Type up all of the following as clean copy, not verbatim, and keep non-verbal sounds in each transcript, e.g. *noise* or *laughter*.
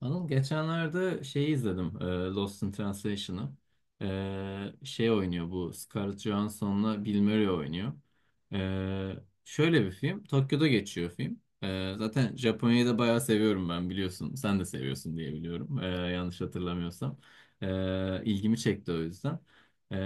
Anıl geçenlerde şeyi izledim. Lost in Translation'ı. Şey oynuyor bu. Scarlett Johansson'la Bill Murray oynuyor. E, Şöyle bir film. Tokyo'da geçiyor film. Zaten Japonya'yı da bayağı seviyorum ben biliyorsun. Sen de seviyorsun diye biliyorum. Yanlış hatırlamıyorsam. İlgimi çekti o yüzden. E,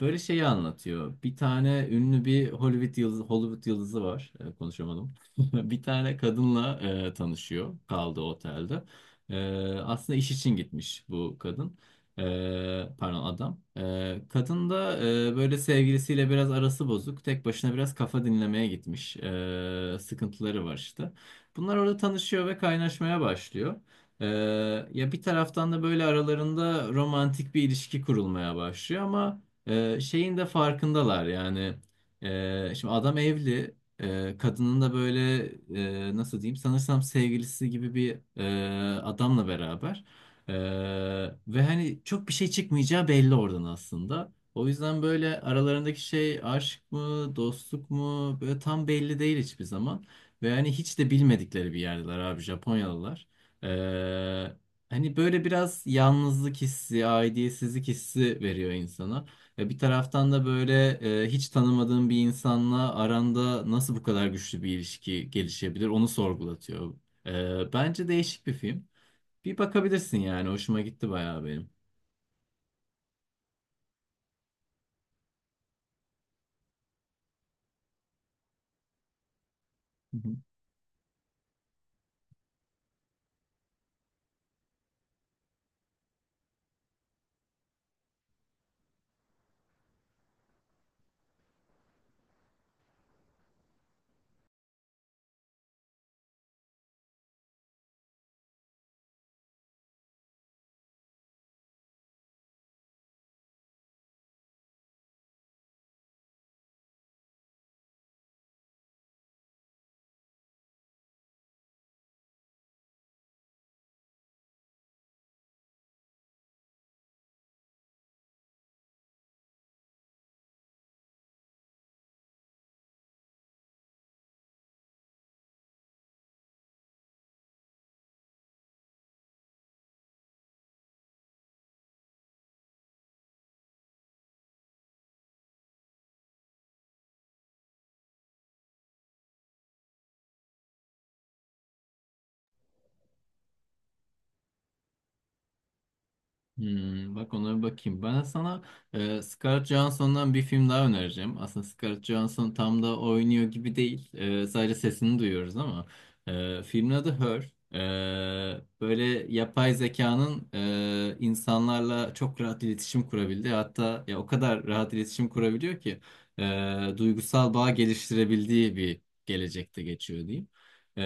Böyle şeyi anlatıyor. Bir tane ünlü bir Hollywood yıldızı var. Konuşamadım. *laughs* Bir tane kadınla tanışıyor. Kaldığı otelde. Aslında iş için gitmiş bu kadın. Pardon adam. Kadın da böyle sevgilisiyle biraz arası bozuk. Tek başına biraz kafa dinlemeye gitmiş. Sıkıntıları var işte. Bunlar orada tanışıyor ve kaynaşmaya başlıyor. Ee, Ya bir taraftan da böyle aralarında romantik bir ilişki kurulmaya başlıyor ama şeyin de farkındalar yani. Şimdi adam evli, kadının da böyle nasıl diyeyim sanırsam sevgilisi gibi bir adamla beraber. Ee, Ve hani çok bir şey çıkmayacağı belli oradan aslında. O yüzden böyle aralarındaki şey aşk mı dostluk mu böyle tam belli değil hiçbir zaman ve hani hiç de bilmedikleri bir yerdeler abi Japonyalılar. Ee, Hani böyle biraz yalnızlık hissi, aidiyetsizlik hissi veriyor insana. Ya bir taraftan da böyle hiç tanımadığın bir insanla aranda nasıl bu kadar güçlü bir ilişki gelişebilir onu sorgulatıyor. Bence değişik bir film. Bir bakabilirsin yani hoşuma gitti bayağı benim. Hmm, bak ona bir bakayım. Ben sana Scarlett Johansson'dan bir film daha önereceğim. Aslında Scarlett Johansson tam da oynuyor gibi değil. Sadece sesini duyuyoruz ama. Filmin adı Her. Böyle yapay zekanın insanlarla çok rahat iletişim kurabildiği hatta ya o kadar rahat iletişim kurabiliyor ki duygusal bağ geliştirebildiği bir gelecekte geçiyor diyeyim.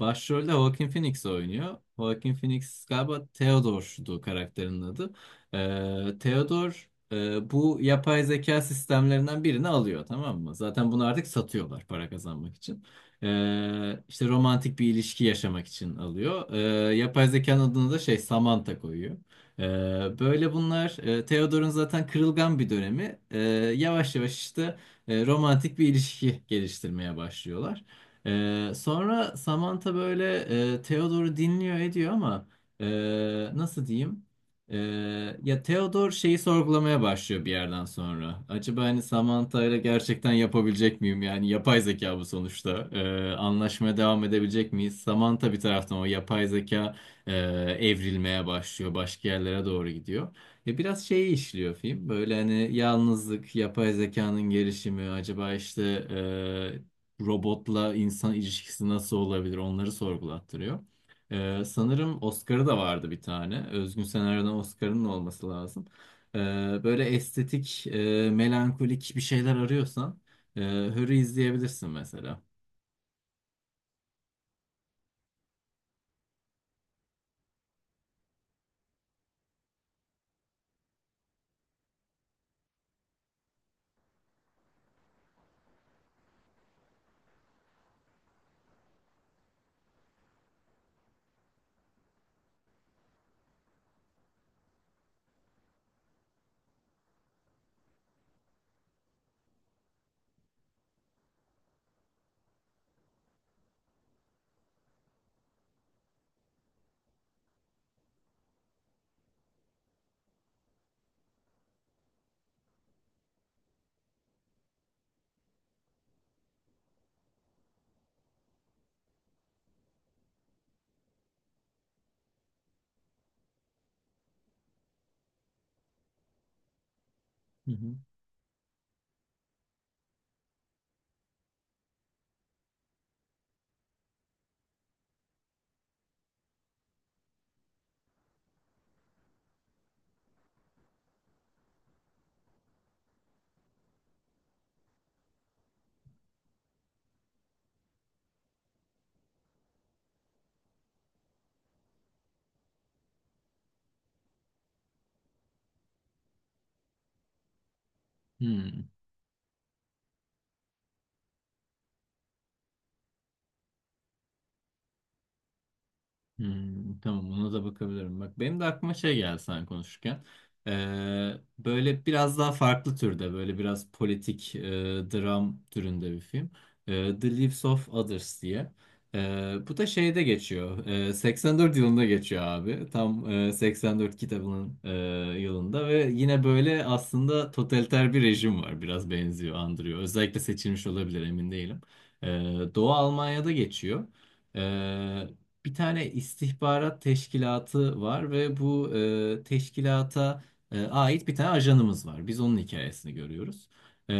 Başrolde Joaquin Phoenix oynuyor. Joaquin Phoenix galiba Theodore'du karakterinin adı. Theodore bu yapay zeka sistemlerinden birini alıyor, tamam mı? Zaten bunu artık satıyorlar para kazanmak için. İşte romantik bir ilişki yaşamak için alıyor. Yapay zekanın adını da şey Samantha koyuyor. Böyle bunlar Theodore'un zaten kırılgan bir dönemi. Yavaş yavaş işte romantik bir ilişki geliştirmeye başlıyorlar. Sonra Samantha böyle Theodore'u dinliyor ediyor ama e, nasıl diyeyim? E, Ya Theodore şeyi sorgulamaya başlıyor bir yerden sonra. Acaba hani Samantha ile gerçekten yapabilecek miyim? Yani yapay zeka bu sonuçta. Anlaşmaya devam edebilecek miyiz? Samantha bir taraftan o yapay zeka e, evrilmeye başlıyor. Başka yerlere doğru gidiyor. Ya biraz şeyi işliyor film. Böyle hani yalnızlık, yapay zekanın gelişimi, acaba işte e, robotla insan ilişkisi nasıl olabilir onları sorgulattırıyor. Sanırım Oscar'ı da vardı bir tane. Özgün Senaryo'dan Oscar'ın da olması lazım. Ee, Böyle estetik, melankolik bir şeyler arıyorsan Hör'ü izleyebilirsin mesela. Hı hı. Hmm. Hmm, tamam ona da bakabilirim. Bak benim de aklıma şey geldi sen konuşurken. Ee, Böyle biraz daha farklı türde böyle biraz politik dram türünde bir film. The Lives of Others diye. Bu da şeyde geçiyor. 84 yılında geçiyor abi. Tam 84 kitabının yılında ve yine böyle aslında totaliter bir rejim var. Biraz benziyor, andırıyor. Özellikle seçilmiş olabilir emin değilim. Ee, Doğu Almanya'da geçiyor. Ee, Bir tane istihbarat teşkilatı var ve bu teşkilata ait bir tane ajanımız var. Biz onun hikayesini görüyoruz. E,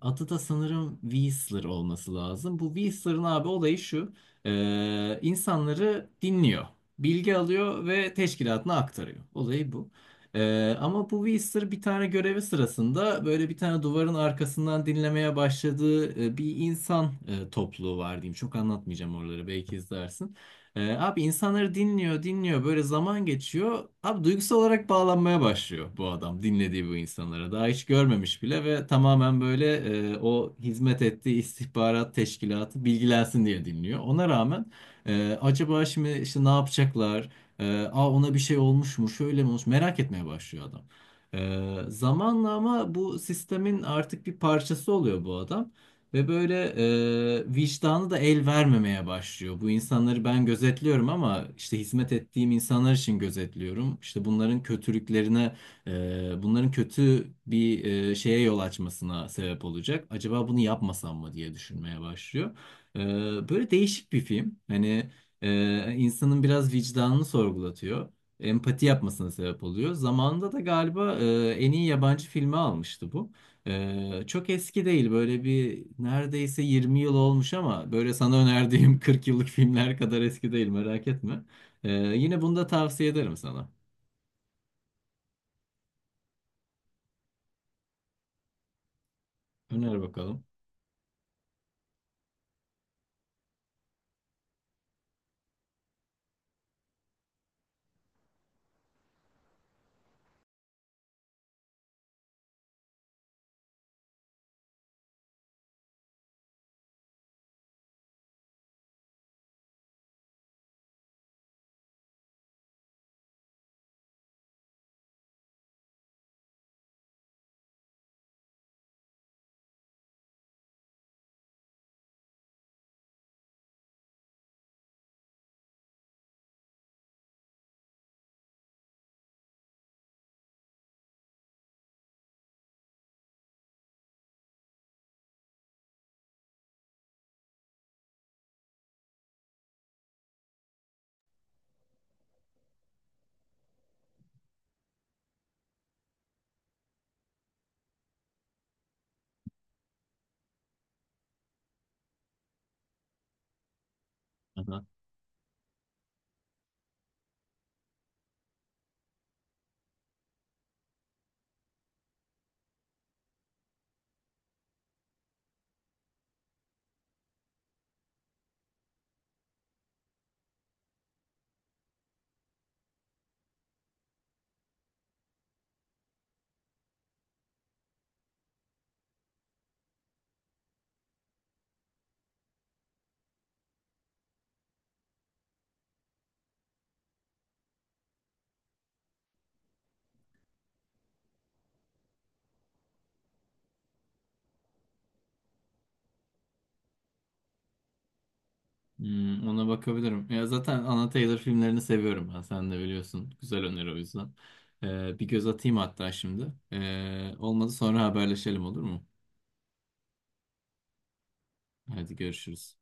Adı da sanırım Whistler olması lazım. Bu Whistler'ın abi olayı şu. İnsanları dinliyor. Bilgi alıyor ve teşkilatına aktarıyor. Olayı bu. Ama bu Whistler bir tane görevi sırasında böyle bir tane duvarın arkasından dinlemeye başladığı bir insan topluluğu var diyeyim. Çok anlatmayacağım oraları belki izlersin. Abi insanları dinliyor, dinliyor. Böyle zaman geçiyor. Abi duygusal olarak bağlanmaya başlıyor bu adam dinlediği bu insanlara. Daha hiç görmemiş bile ve tamamen böyle o hizmet ettiği istihbarat teşkilatı bilgilensin diye dinliyor. Ona rağmen acaba şimdi işte ne yapacaklar? Aa ona bir şey olmuş mu? Şöyle mi olmuş? Merak etmeye başlıyor adam. Zamanla ama bu sistemin artık bir parçası oluyor bu adam. Ve böyle vicdanı da el vermemeye başlıyor. Bu insanları ben gözetliyorum ama işte hizmet ettiğim insanlar için gözetliyorum. İşte bunların kötülüklerine, bunların kötü bir şeye yol açmasına sebep olacak. Acaba bunu yapmasam mı diye düşünmeye başlıyor. E, Böyle değişik bir film. Hani insanın biraz vicdanını sorgulatıyor. Empati yapmasına sebep oluyor. Zamanında da galiba en iyi yabancı filmi almıştı bu. Çok eski değil böyle bir neredeyse 20 yıl olmuş ama böyle sana önerdiğim *laughs* 40 yıllık filmler kadar eski değil merak etme. Yine bunu da tavsiye ederim sana. Öner bakalım. Aha. Hmm, ona bakabilirim. Ya zaten Anna Taylor filmlerini seviyorum ben sen de biliyorsun. Güzel öneri o yüzden. Bir göz atayım hatta şimdi. Olmadı sonra haberleşelim, olur mu? Hadi görüşürüz.